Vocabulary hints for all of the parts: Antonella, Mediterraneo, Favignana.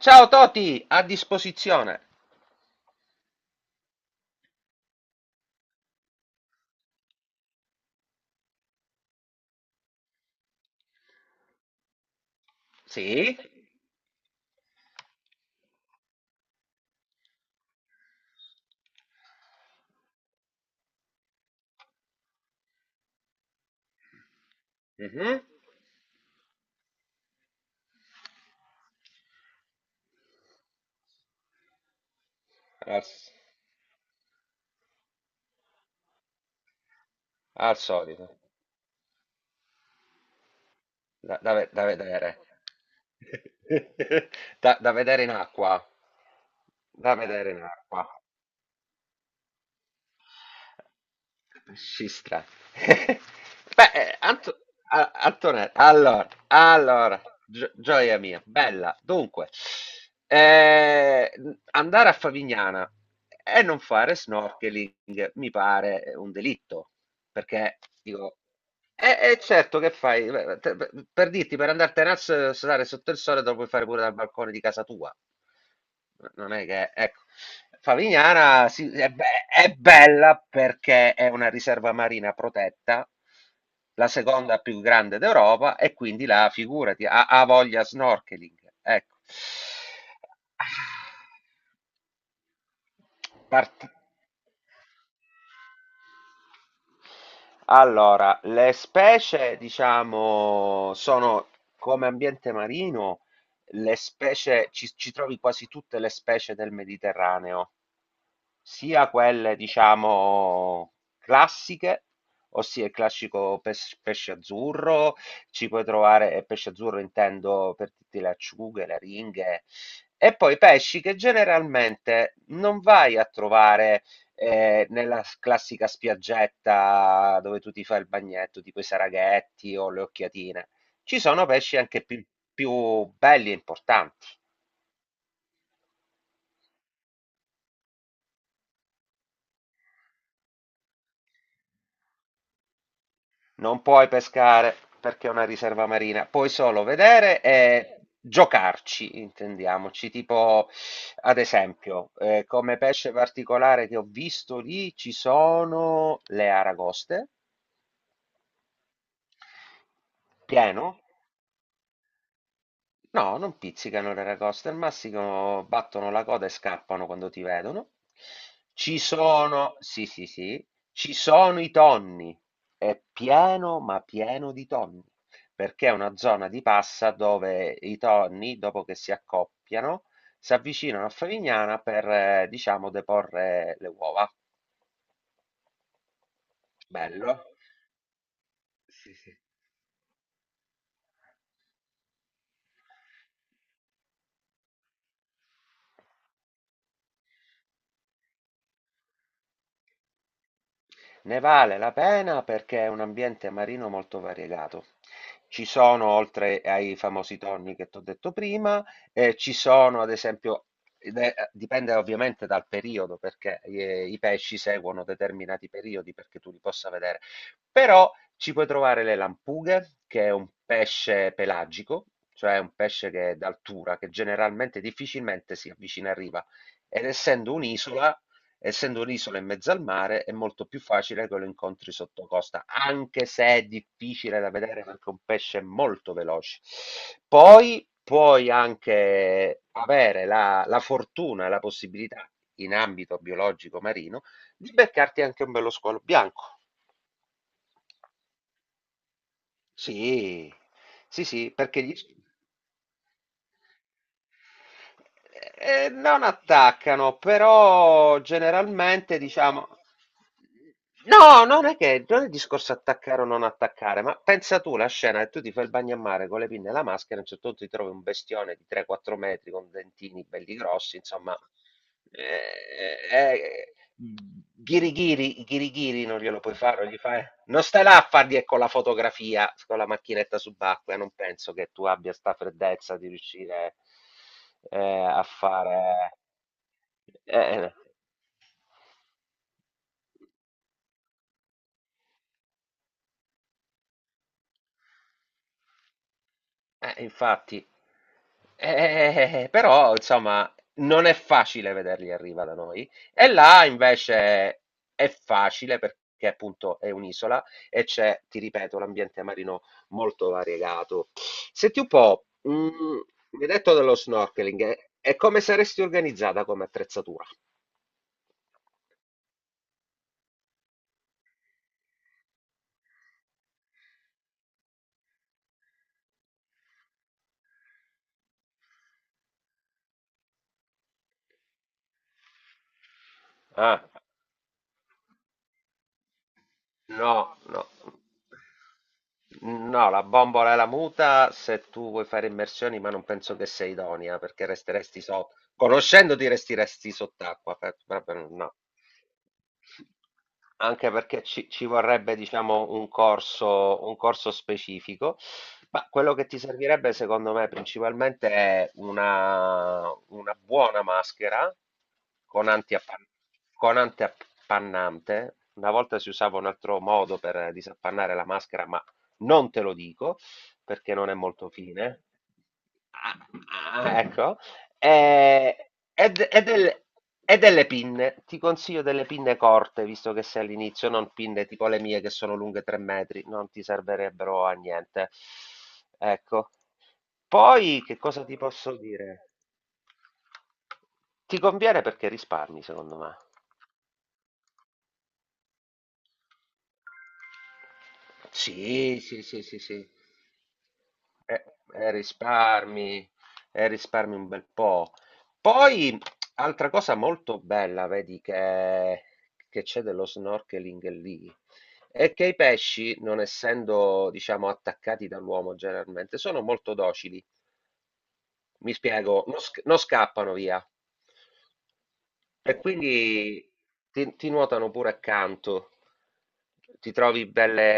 Ciao Toti, a disposizione. Sì? Mhm. Al, al solito. Da vedere. Da, da vedere in acqua. Da vedere in acqua. Scistra. Beh, Antonella, allora, allora, gioia mia, bella. Dunque, eh, andare a Favignana e non fare snorkeling mi pare un delitto, perché dico. Certo, che fai? Beh, per dirti, per andartene a stare sotto il sole, te lo puoi fare pure dal balcone di casa tua. Non è che, ecco, Favignana sì, è, è bella perché è una riserva marina protetta, la seconda più grande d'Europa, e quindi là, figurati, ha, ha voglia snorkeling. Ecco. Ah, Part- allora, le specie, diciamo, sono come ambiente marino, le specie, ci trovi quasi tutte le specie del Mediterraneo sia quelle diciamo classiche, ossia il classico pesce azzurro, ci puoi trovare, e pesce azzurro intendo per tutte le acciughe, le ringhe, e poi pesci che generalmente non vai a trovare nella classica spiaggetta dove tu ti fai il bagnetto, tipo i saraghetti o le occhiatine. Ci sono pesci anche più, più belli e importanti. Non puoi pescare perché è una riserva marina, puoi solo vedere e giocarci, intendiamoci. Tipo, ad esempio, come pesce particolare che ho visto lì ci sono le aragoste, pieno. No, non pizzicano il Reracosta, al massimo battono la coda e scappano quando ti vedono. Ci sono, sì, sì, sì, ci sono i tonni, è pieno, ma pieno di tonni, perché è una zona di passa dove i tonni, dopo che si accoppiano, si avvicinano a Favignana per, diciamo, deporre le uova. Bello. Sì, sì. Ne vale la pena perché è un ambiente marino molto variegato. Ci sono, oltre ai famosi tonni che t'ho detto prima, ci sono ad esempio, dipende ovviamente dal periodo, perché i pesci seguono determinati periodi perché tu li possa vedere, però ci puoi trovare le lampughe, che è un pesce pelagico, cioè un pesce che è d'altura, che generalmente difficilmente si avvicina a riva. Ed essendo un'isola, essendo un'isola in mezzo al mare è molto più facile che lo incontri sotto costa, anche se è difficile da vedere perché è un pesce molto veloce. Poi puoi anche avere la, la fortuna e la possibilità, in ambito biologico marino, di beccarti anche un bello squalo bianco. Sì, sì, sì, perché gli, non attaccano, però generalmente diciamo. No, non è che non è il discorso attaccare o non attaccare, ma pensa tu la scena che tu ti fai il bagno a mare con le pinne e la maschera, a un certo punto ti trovi un bestione di 3-4 metri con dentini belli grossi, insomma, eh, eh, ghirigiri, ghirigiri non glielo puoi fare, non gli fai- non stai là a fargli con la fotografia, con la macchinetta subacquea, non penso che tu abbia sta freddezza di riuscire. A fare eh, infatti. Però insomma non è facile vederli arriva da noi. E là invece è facile perché appunto è un'isola e c'è, ti ripeto, l'ambiente marino molto variegato. Senti un po', mi hai detto dello snorkeling, e come saresti organizzata come attrezzatura? Ah. No, no. No, la bombola è la muta se tu vuoi fare immersioni, ma non penso che sei idonea perché resteresti sotto. Conoscendoti resteresti sott'acqua. Proprio no. Anche perché ci, ci vorrebbe, diciamo, un corso specifico. Ma quello che ti servirebbe, secondo me, principalmente è una buona maschera con antiappan- con antiappannante. Una volta si usava un altro modo per disappannare la maschera, ma non te lo dico perché non è molto fine. Ah, ah, ecco, eh, E, d- e del- e delle pinne, ti consiglio delle pinne corte, visto che sei all'inizio, non pinne tipo le mie che sono lunghe 3 metri, non ti servirebbero a niente. Ecco. Poi che cosa ti posso dire? Ti conviene perché risparmi, secondo me. Sì, sì, sì, sì, sì. Eh, eh, risparmi, risparmi un bel po'. Poi, altra cosa molto bella, vedi, che c'è dello snorkeling lì, è che i pesci, non essendo, diciamo, attaccati dall'uomo generalmente, sono molto docili. Mi spiego, non scappano via. E quindi ti nuotano pure accanto. Ti trovi belle...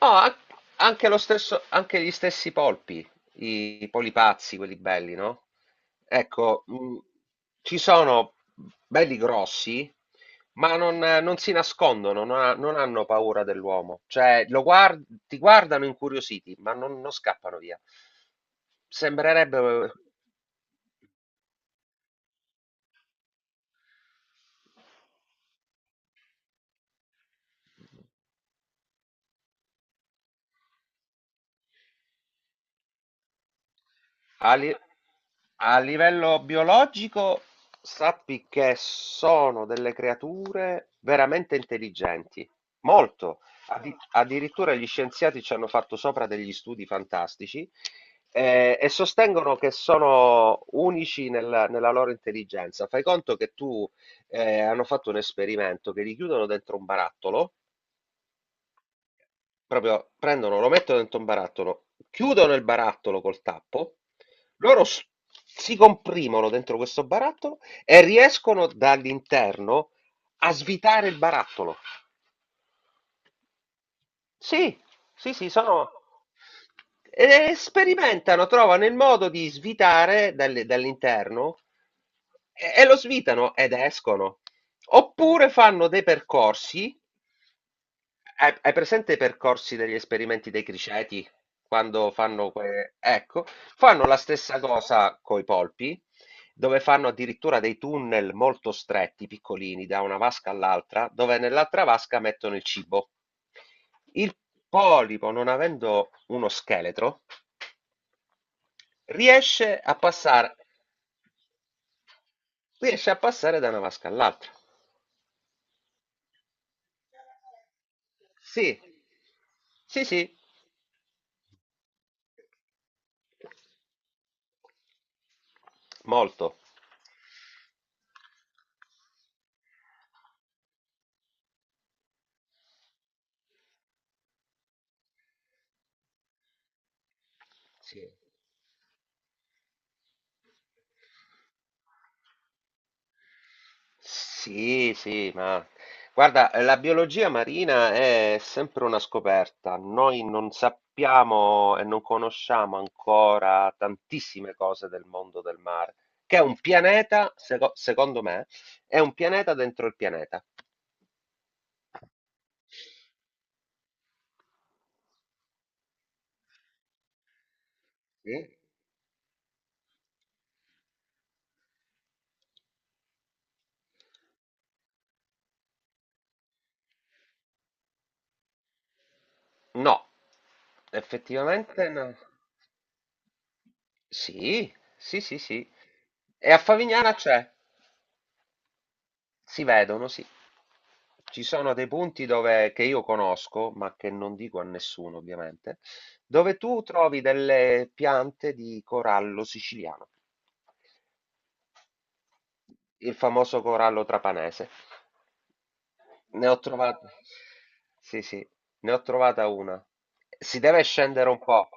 No, an- anche lo stesso, anche gli stessi polpi, i polipazzi, quelli belli, no? Ecco, ci sono belli grossi, ma non, non si nascondono, non hanno paura dell'uomo. Cioè, ti guardano incuriositi, ma non, non scappano via. Sembrerebbe. A, li- a livello biologico, sappi che sono delle creature veramente intelligenti, molto. Addirittura gli scienziati ci hanno fatto sopra degli studi fantastici e sostengono che sono unici nella, nella loro intelligenza. Fai conto che tu hanno fatto un esperimento che li chiudono dentro un barattolo. Proprio prendono, lo mettono dentro un barattolo, chiudono il barattolo col tappo, loro s- si comprimono dentro questo barattolo e riescono dall'interno a svitare il barattolo. Sì, sì, sì, sono... e sperimentano, trovano il modo di svitare dall'interno e lo svitano ed escono. Oppure fanno dei percorsi. Hai presente i percorsi degli esperimenti dei criceti? Ecco, fanno la stessa cosa coi polpi, dove fanno addirittura dei tunnel molto stretti, piccolini, da una vasca all'altra, dove nell'altra vasca mettono il cibo. Il polipo, non avendo uno scheletro, riesce a passare, riesce a passare da una vasca all'altra. Sì, sì, sì, molto. Sì. Sì, sì, ma guarda, la biologia marina è sempre una scoperta. Noi non sappiamo e non conosciamo ancora tantissime cose del mondo del mare, che è un pianeta, secondo me, è un pianeta dentro il pianeta. Sì? No, effettivamente no. Sì, sì, sì, sì. E a Favignana c'è. Si vedono, sì. Ci sono dei punti dove, che io conosco, ma che non dico a nessuno ovviamente, dove tu trovi delle piante di corallo siciliano, il famoso corallo trapanese. Ne ho trovata, sì, sì, ne ho trovata una. Si deve scendere un po'.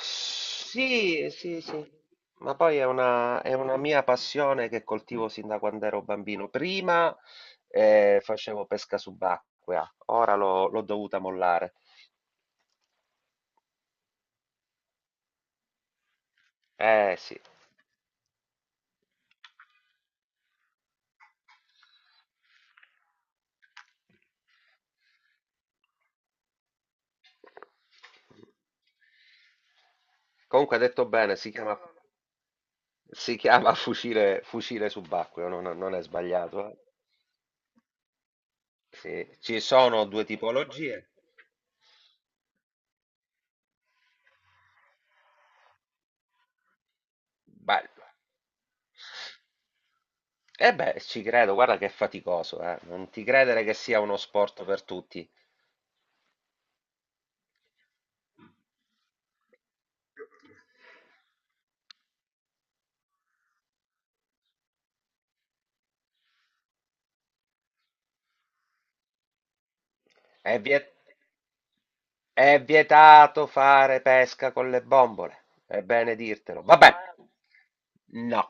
Sì, sì, sì, ma poi è una mia passione che coltivo sin da quando ero bambino. Prima facevo pesca subacquea, ora l'ho dovuta mollare. Eh sì. Comunque ha detto bene, si chiama fucile, fucile subacqueo, non, non è sbagliato. Eh. Sì, ci sono due tipologie. Bello. E beh, ci credo, guarda che è faticoso, eh. Non ti credere che sia uno sport per tutti. E vi è... È vietato fare pesca con le bombole, è bene dirtelo. Vabbè, no.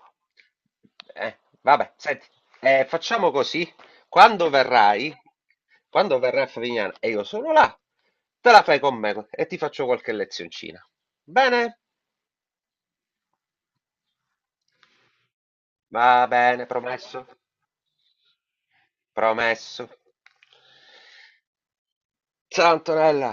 Vabbè, senti, facciamo così. Quando verrai, quando verrai a Favignana e io sono là, te la fai con me e ti faccio qualche lezioncina. Bene? Va bene, promesso. Promesso. Ciao Antonella.